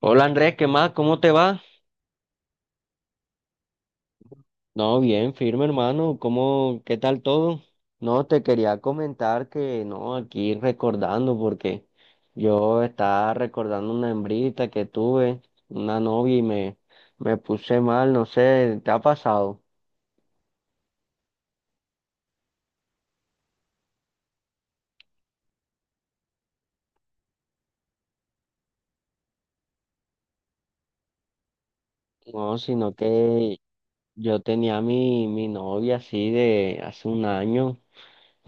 Hola Andrés, ¿qué más? ¿Cómo te va? No, bien, firme hermano. ¿Cómo, qué tal todo? No, te quería comentar que no, aquí recordando porque yo estaba recordando una hembrita que tuve, una novia y me puse mal, no sé, ¿te ha pasado? No, sino que yo tenía mi novia así de hace un año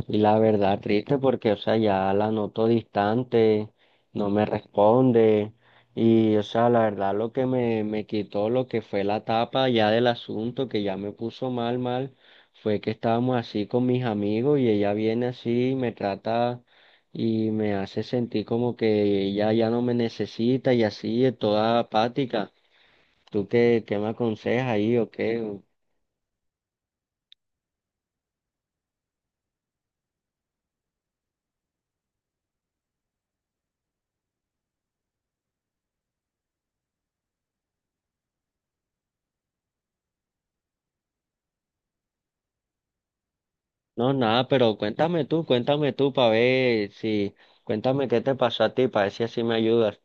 y la verdad triste porque, o sea, ya la noto distante, no me responde y, o sea, la verdad lo que me quitó lo que fue la tapa ya del asunto que ya me puso mal, mal, fue que estábamos así con mis amigos y ella viene así y me trata y me hace sentir como que ella ya no me necesita y así, es toda apática. ¿Tú qué, qué me aconsejas ahí o qué? O... No, nada, pero cuéntame tú para ver si, cuéntame qué te pasó a ti para ver si así me ayudas.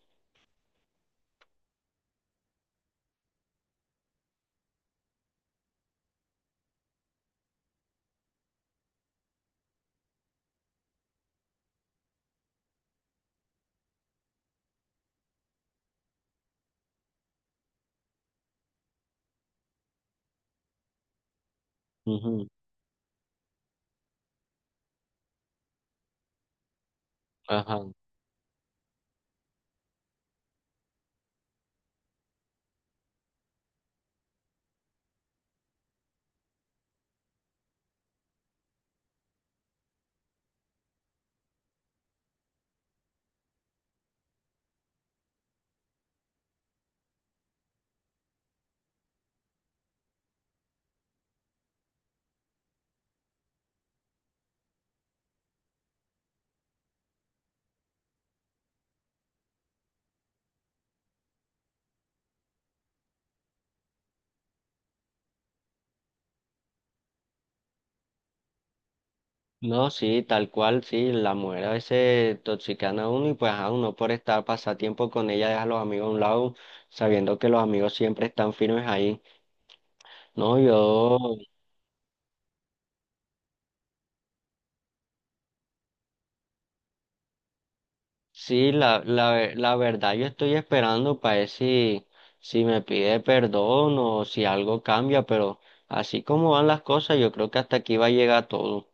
Ujú. Ajá. No, sí, tal cual, sí, la mujer a veces toxican a uno y pues a uno por estar pasatiempo con ella deja a los amigos a un lado, sabiendo que los amigos siempre están firmes ahí. No, yo... Sí, la verdad yo estoy esperando para ver si, si me pide perdón o si algo cambia, pero así como van las cosas, yo creo que hasta aquí va a llegar todo.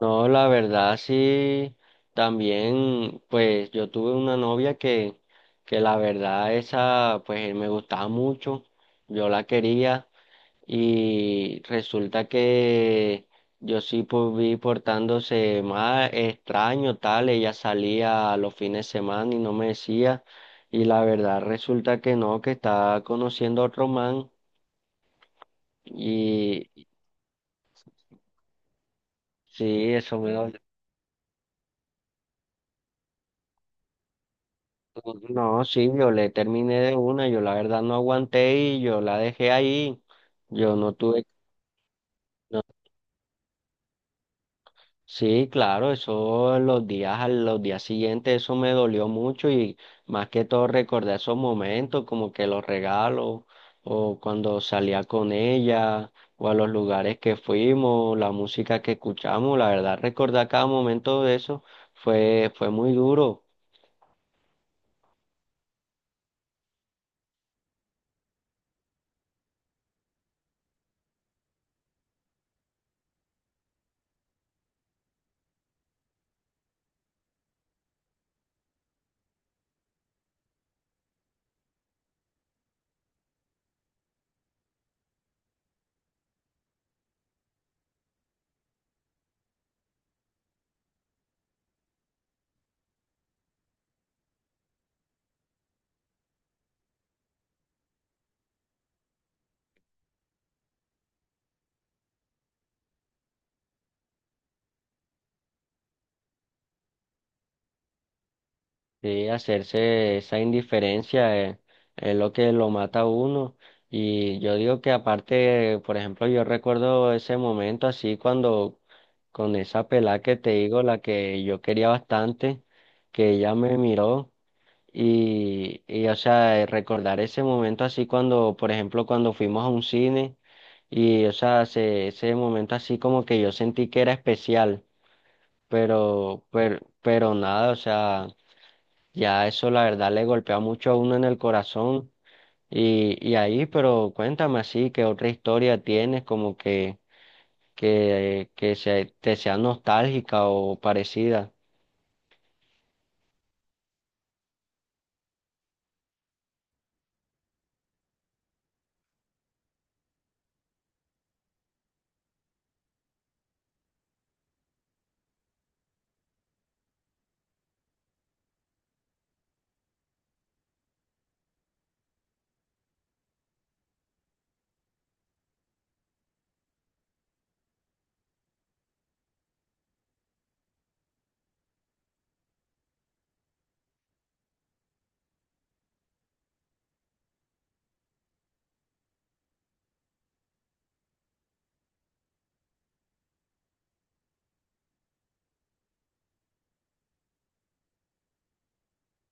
No, la verdad sí, también pues yo tuve una novia que la verdad esa pues me gustaba mucho, yo la quería. Y resulta que yo sí pues, vi portándose más extraño, tal, ella salía los fines de semana y no me decía, y la verdad resulta que no, que estaba conociendo a otro man, y sí, eso me dolió. No, sí, yo le terminé de una, yo la verdad no aguanté y yo la dejé ahí, yo no tuve... No. Sí, claro, eso los días, a los días siguientes, eso me dolió mucho y más que todo recordé esos momentos, como que los regalos, o cuando salía con ella, o a los lugares que fuimos, la música que escuchamos, la verdad, recordar cada momento de eso fue, fue muy duro. Sí, hacerse esa indiferencia es, lo que lo mata a uno. Y yo digo que aparte, por ejemplo, yo recuerdo ese momento así cuando con esa pelá que te digo, la que yo quería bastante, que ella me miró y o sea, recordar ese momento así cuando, por ejemplo, cuando fuimos a un cine y, o sea, ese momento así como que yo sentí que era especial, pero nada, o sea... Ya eso la verdad le golpea mucho a uno en el corazón. Y ahí, pero cuéntame así, ¿qué otra historia tienes como que, te sea nostálgica o parecida?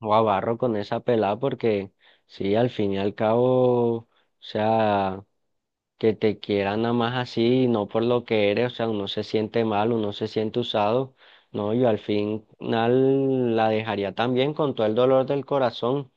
O abarro con esa pelada porque sí, al fin y al cabo, o sea, que te quieran nada más así, no por lo que eres, o sea, uno se siente mal, uno se siente usado. No, yo al final la dejaría también con todo el dolor del corazón.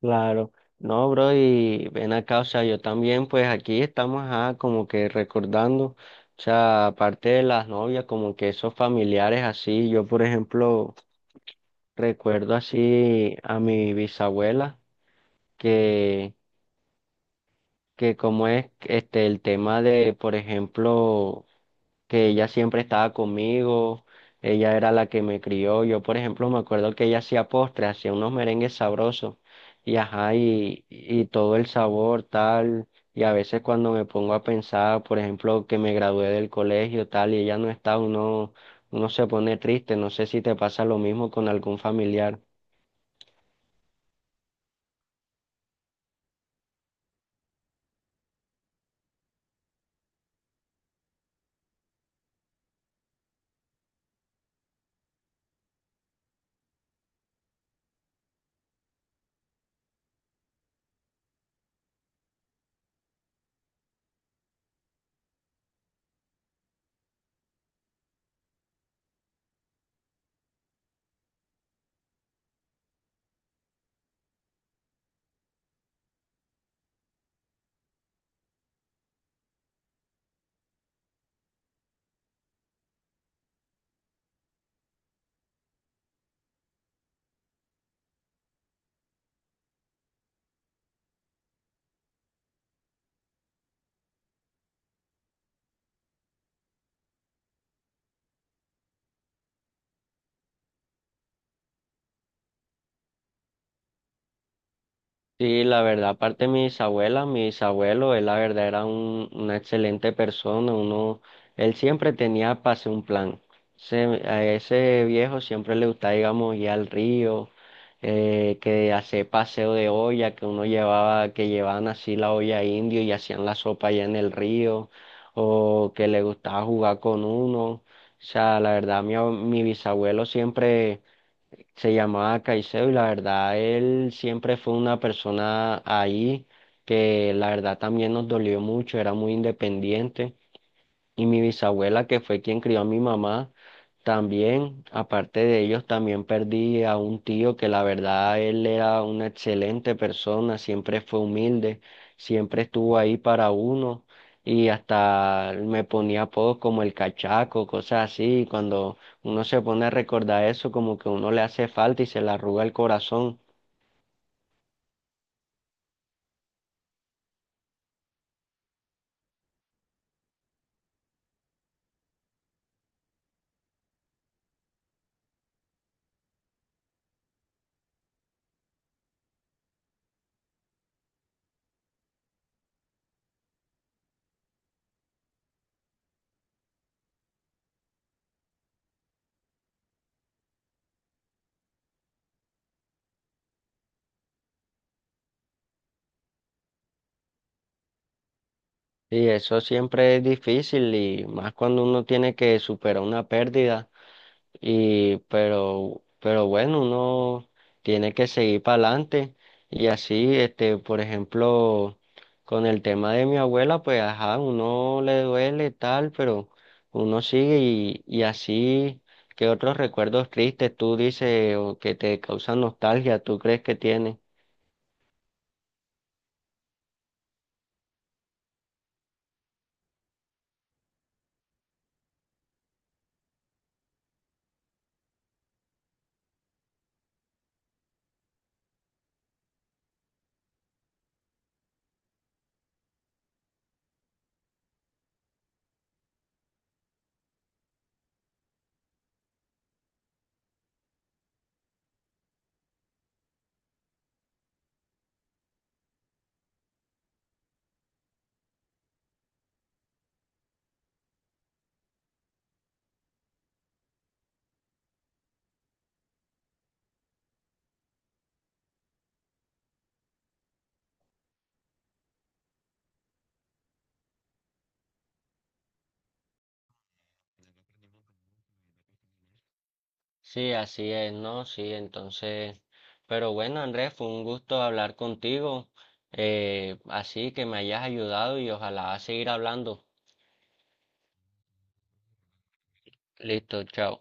Claro, no, bro, y ven acá, o sea, yo también, pues aquí estamos ah, como que recordando, o sea, aparte de las novias, como que esos familiares así, yo por ejemplo recuerdo así a mi bisabuela, que, que como es este el tema de, por ejemplo, que ella siempre estaba conmigo, ella era la que me crió. Yo, por ejemplo, me acuerdo que ella hacía postres, hacía unos merengues sabrosos y ajá, y todo el sabor tal. Y a veces cuando me pongo a pensar, por ejemplo, que me gradué del colegio tal y ella no está, uno, uno se pone triste. No sé si te pasa lo mismo con algún familiar. Sí, la verdad, aparte de mis abuelas, mis abuelos, él la verdad era una excelente persona, uno, él siempre tenía pase un plan. Se- a ese viejo siempre le gustaba, digamos, ir al río, que hacer paseo de olla, que uno llevaba, que llevaban así la olla indio y hacían la sopa allá en el río, o que le gustaba jugar con uno. O sea, la verdad, mi, ab- mi bisabuelo siempre se llamaba Caicedo y la verdad él siempre fue una persona ahí que la verdad también nos dolió mucho, era muy independiente y mi bisabuela, que fue quien crió a mi mamá, también, aparte de ellos, también perdí a un tío que la verdad él era una excelente persona, siempre fue humilde, siempre estuvo ahí para uno y hasta me ponía apodos como el cachaco, cosas así. Y cuando uno se pone a recordar eso, como que uno le hace falta y se le arruga el corazón. Y eso siempre es difícil y más cuando uno tiene que superar una pérdida. Y, pero bueno, uno tiene que seguir para adelante. Y así, este, por ejemplo, con el tema de mi abuela, pues ajá, uno le duele tal, pero uno sigue y así, ¿qué otros recuerdos tristes tú dices o que te causan nostalgia, tú crees que tienes? Sí, así es, ¿no? Sí, entonces, pero bueno, Andrés, fue un gusto hablar contigo, así que me hayas ayudado y ojalá seguir hablando. Listo, chao.